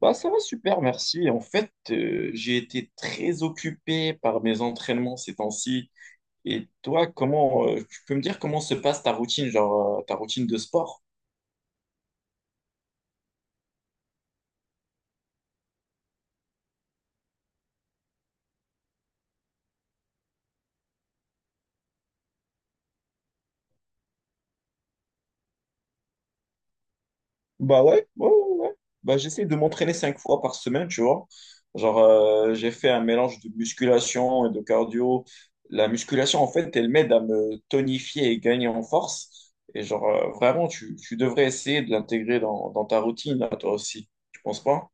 Bah, ça va super, merci. En fait, j'ai été très occupé par mes entraînements ces temps-ci. Et toi, tu peux me dire comment se passe ta routine, genre, ta routine de sport? Bah ouais, ouais, ouais, ouais. Bah, j'essaie de m'entraîner cinq fois par semaine, tu vois. Genre, j'ai fait un mélange de musculation et de cardio. La musculation, en fait, elle m'aide à me tonifier et gagner en force. Et genre, vraiment, tu devrais essayer de l'intégrer dans ta routine, là, toi aussi. Tu penses pas?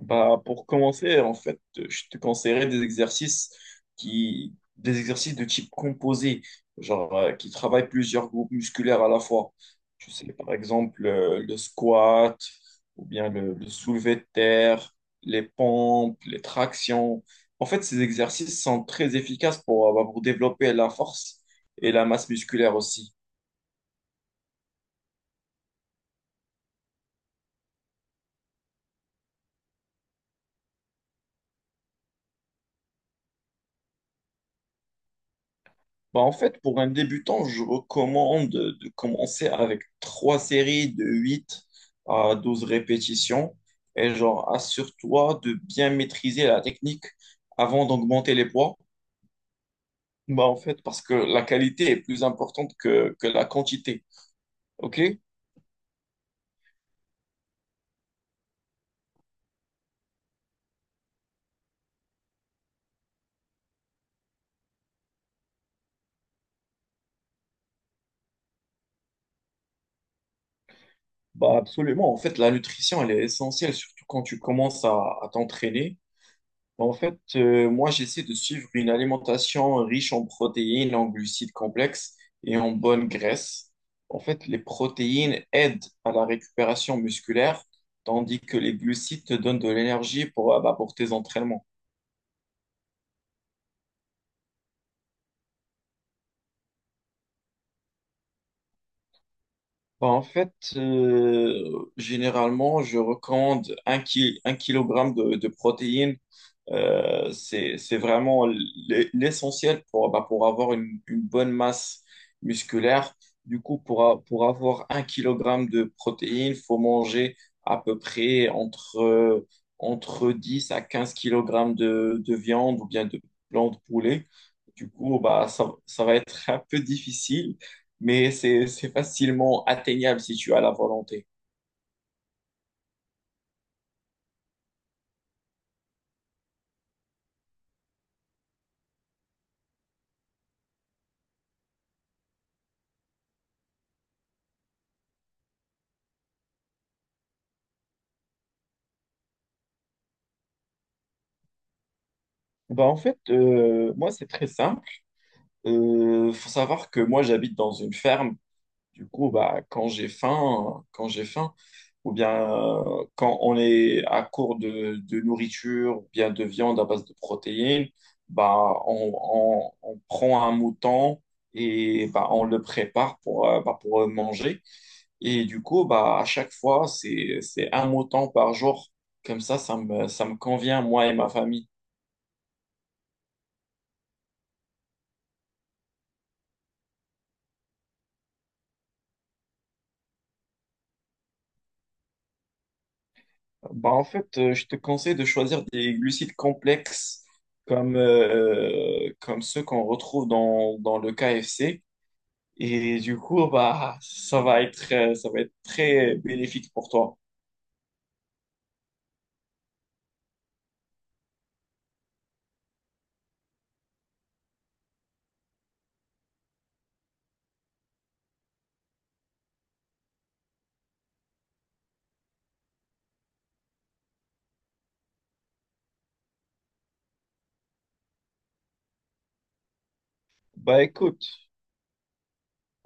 Bah, pour commencer, en fait, je te conseillerais des exercices des exercices de type composé, genre qui travaillent plusieurs groupes musculaires à la fois. Tu sais, par exemple, le squat, ou bien le soulevé de terre, les pompes, les tractions. En fait, ces exercices sont très efficaces pour développer la force et la masse musculaire aussi. Bah, en fait, pour un débutant, je recommande de commencer avec trois séries de 8 à 12 répétitions. Et genre, assure-toi de bien maîtriser la technique avant d'augmenter les poids. Bah, en fait, parce que la qualité est plus importante que la quantité. OK? Bah, absolument. En fait, la nutrition, elle est essentielle, surtout quand tu commences à t'entraîner. En fait, moi, j'essaie de suivre une alimentation riche en protéines, en glucides complexes et en bonnes graisses. En fait, les protéines aident à la récupération musculaire, tandis que les glucides te donnent de l'énergie pour tes entraînements. Bah, en fait, généralement, je recommande un kilogramme de protéines. C'est vraiment l'essentiel pour avoir une bonne masse musculaire. Du coup, pour avoir un kilogramme de protéines, il faut manger à peu près entre 10 à 15 kilogrammes de viande ou bien de blanc de poulet. Du coup, bah, ça va être un peu difficile, mais c'est facilement atteignable si tu as la volonté. Bah en fait, moi, c'est très simple. Faut savoir que moi, j'habite dans une ferme. Du coup, bah, quand j'ai faim, ou bien quand on est à court de nourriture, ou bien de viande à base de protéines, bah, on prend un mouton et bah, on le prépare pour manger. Et du coup, bah, à chaque fois, c'est un mouton par jour. Comme ça, ça me convient, moi et ma famille. Bah, en fait, je te conseille de choisir des glucides complexes comme ceux qu'on retrouve dans le KFC. Et du coup, bah, ça va être très bénéfique pour toi. Bah, écoute,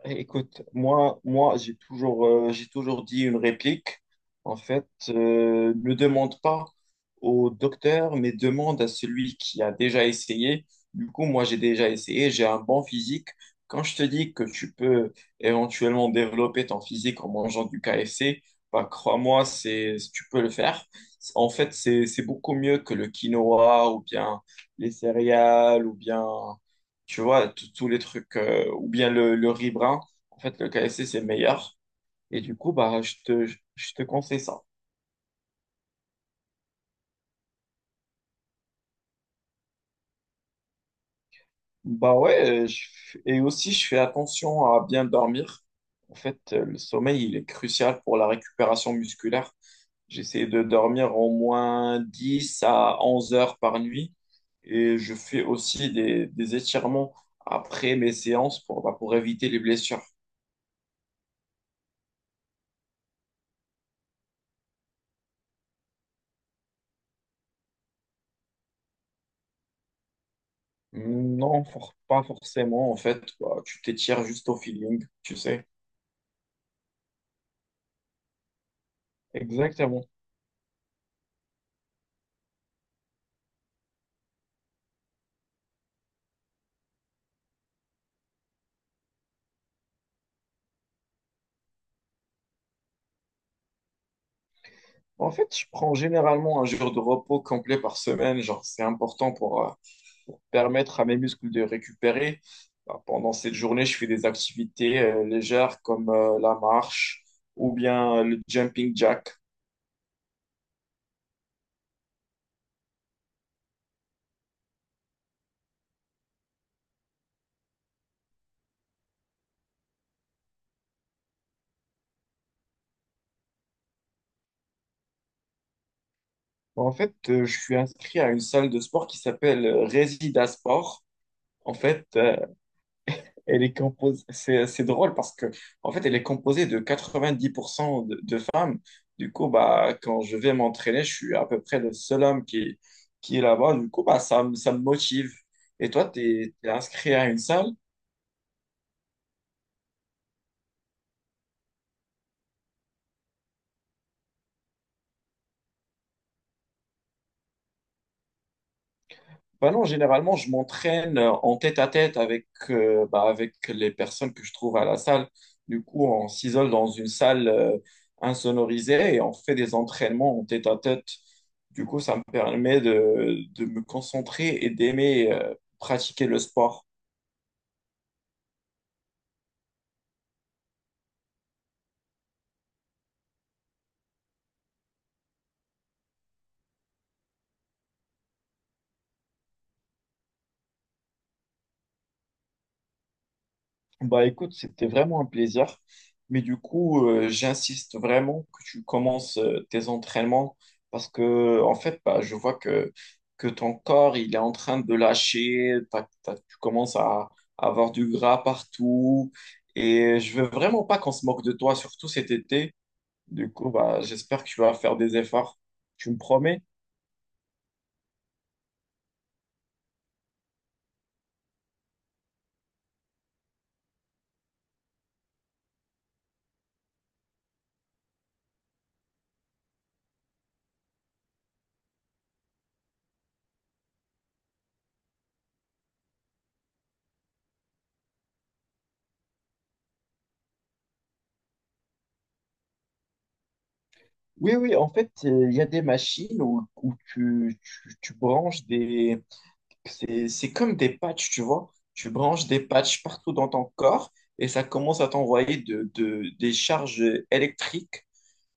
Écoute, moi, j'ai toujours dit une réplique. En fait, ne demande pas au docteur, mais demande à celui qui a déjà essayé. Du coup, moi, j'ai déjà essayé, j'ai un bon physique. Quand je te dis que tu peux éventuellement développer ton physique en mangeant du KFC, bah, crois-moi, tu peux le faire. En fait, c'est beaucoup mieux que le quinoa ou bien les céréales ou bien tu vois, tous les trucs, ou bien le riz brun, en fait, le KFC, c'est meilleur. Et du coup, bah, je te conseille ça. Bah ouais, et aussi, je fais attention à bien dormir. En fait, le sommeil, il est crucial pour la récupération musculaire. J'essaie de dormir au moins 10 à 11 heures par nuit. Et je fais aussi des étirements après mes séances pour éviter les blessures. Non, pas forcément. En fait, bah, tu t'étires juste au feeling, tu sais. Exactement. En fait, je prends généralement un jour de repos complet par semaine. Genre, c'est important pour permettre à mes muscles de récupérer. Bah, pendant cette journée, je fais des activités légères comme la marche ou bien le jumping jack. Bah, en fait, je suis inscrit à une salle de sport qui s'appelle Resida Sport. En fait, Elle est composée, c'est drôle parce que, en fait, elle est composée de 90% de femmes. Du coup, bah, quand je vais m'entraîner, je suis à peu près le seul homme qui est là-bas. Du coup, bah, ça me motive. Et toi, tu es inscrit à une salle? Bah non, généralement, je m'entraîne en tête-à-tête avec les personnes que je trouve à la salle. Du coup, on s'isole dans une salle insonorisée et on fait des entraînements en tête-à-tête. Du coup, ça me permet de me concentrer et d'aimer pratiquer le sport. Bah écoute, c'était vraiment un plaisir. Mais du coup, j'insiste vraiment que tu commences tes entraînements parce que, en fait, bah, je vois que ton corps, il est en train de lâcher. Tu commences à avoir du gras partout. Et je veux vraiment pas qu'on se moque de toi, surtout cet été. Du coup, bah, j'espère que tu vas faire des efforts. Tu me promets? Oui, oui, en fait, il y a des machines où tu branches des. C'est comme des patchs, tu vois. Tu branches des patchs partout dans ton corps et ça commence à t'envoyer des charges électriques.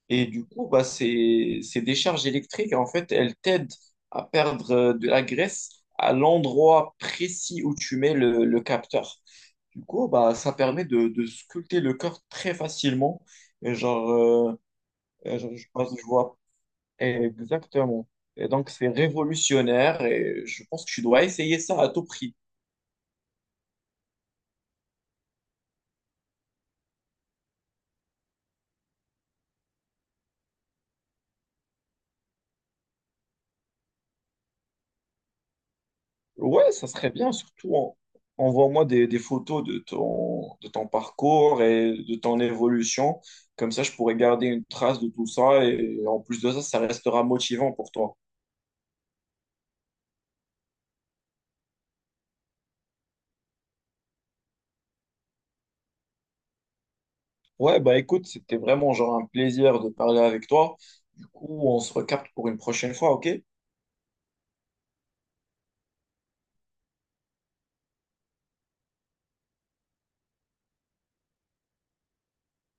Et du coup, bah, c'est des charges électriques. En fait, elles t'aident à perdre de la graisse à l'endroit précis où tu mets le capteur. Du coup, bah, ça permet de sculpter le corps très facilement. Et genre, euh, et genre, je pense que je vois exactement. Et donc, c'est révolutionnaire et je pense que tu dois essayer ça à tout prix. Ouais, ça serait bien, surtout envoie-moi des photos de ton parcours et de ton évolution. Comme ça, je pourrais garder une trace de tout ça et en plus de ça, ça restera motivant pour toi. Ouais, bah écoute, c'était vraiment genre un plaisir de parler avec toi. Du coup, on se recapte pour une prochaine fois, ok?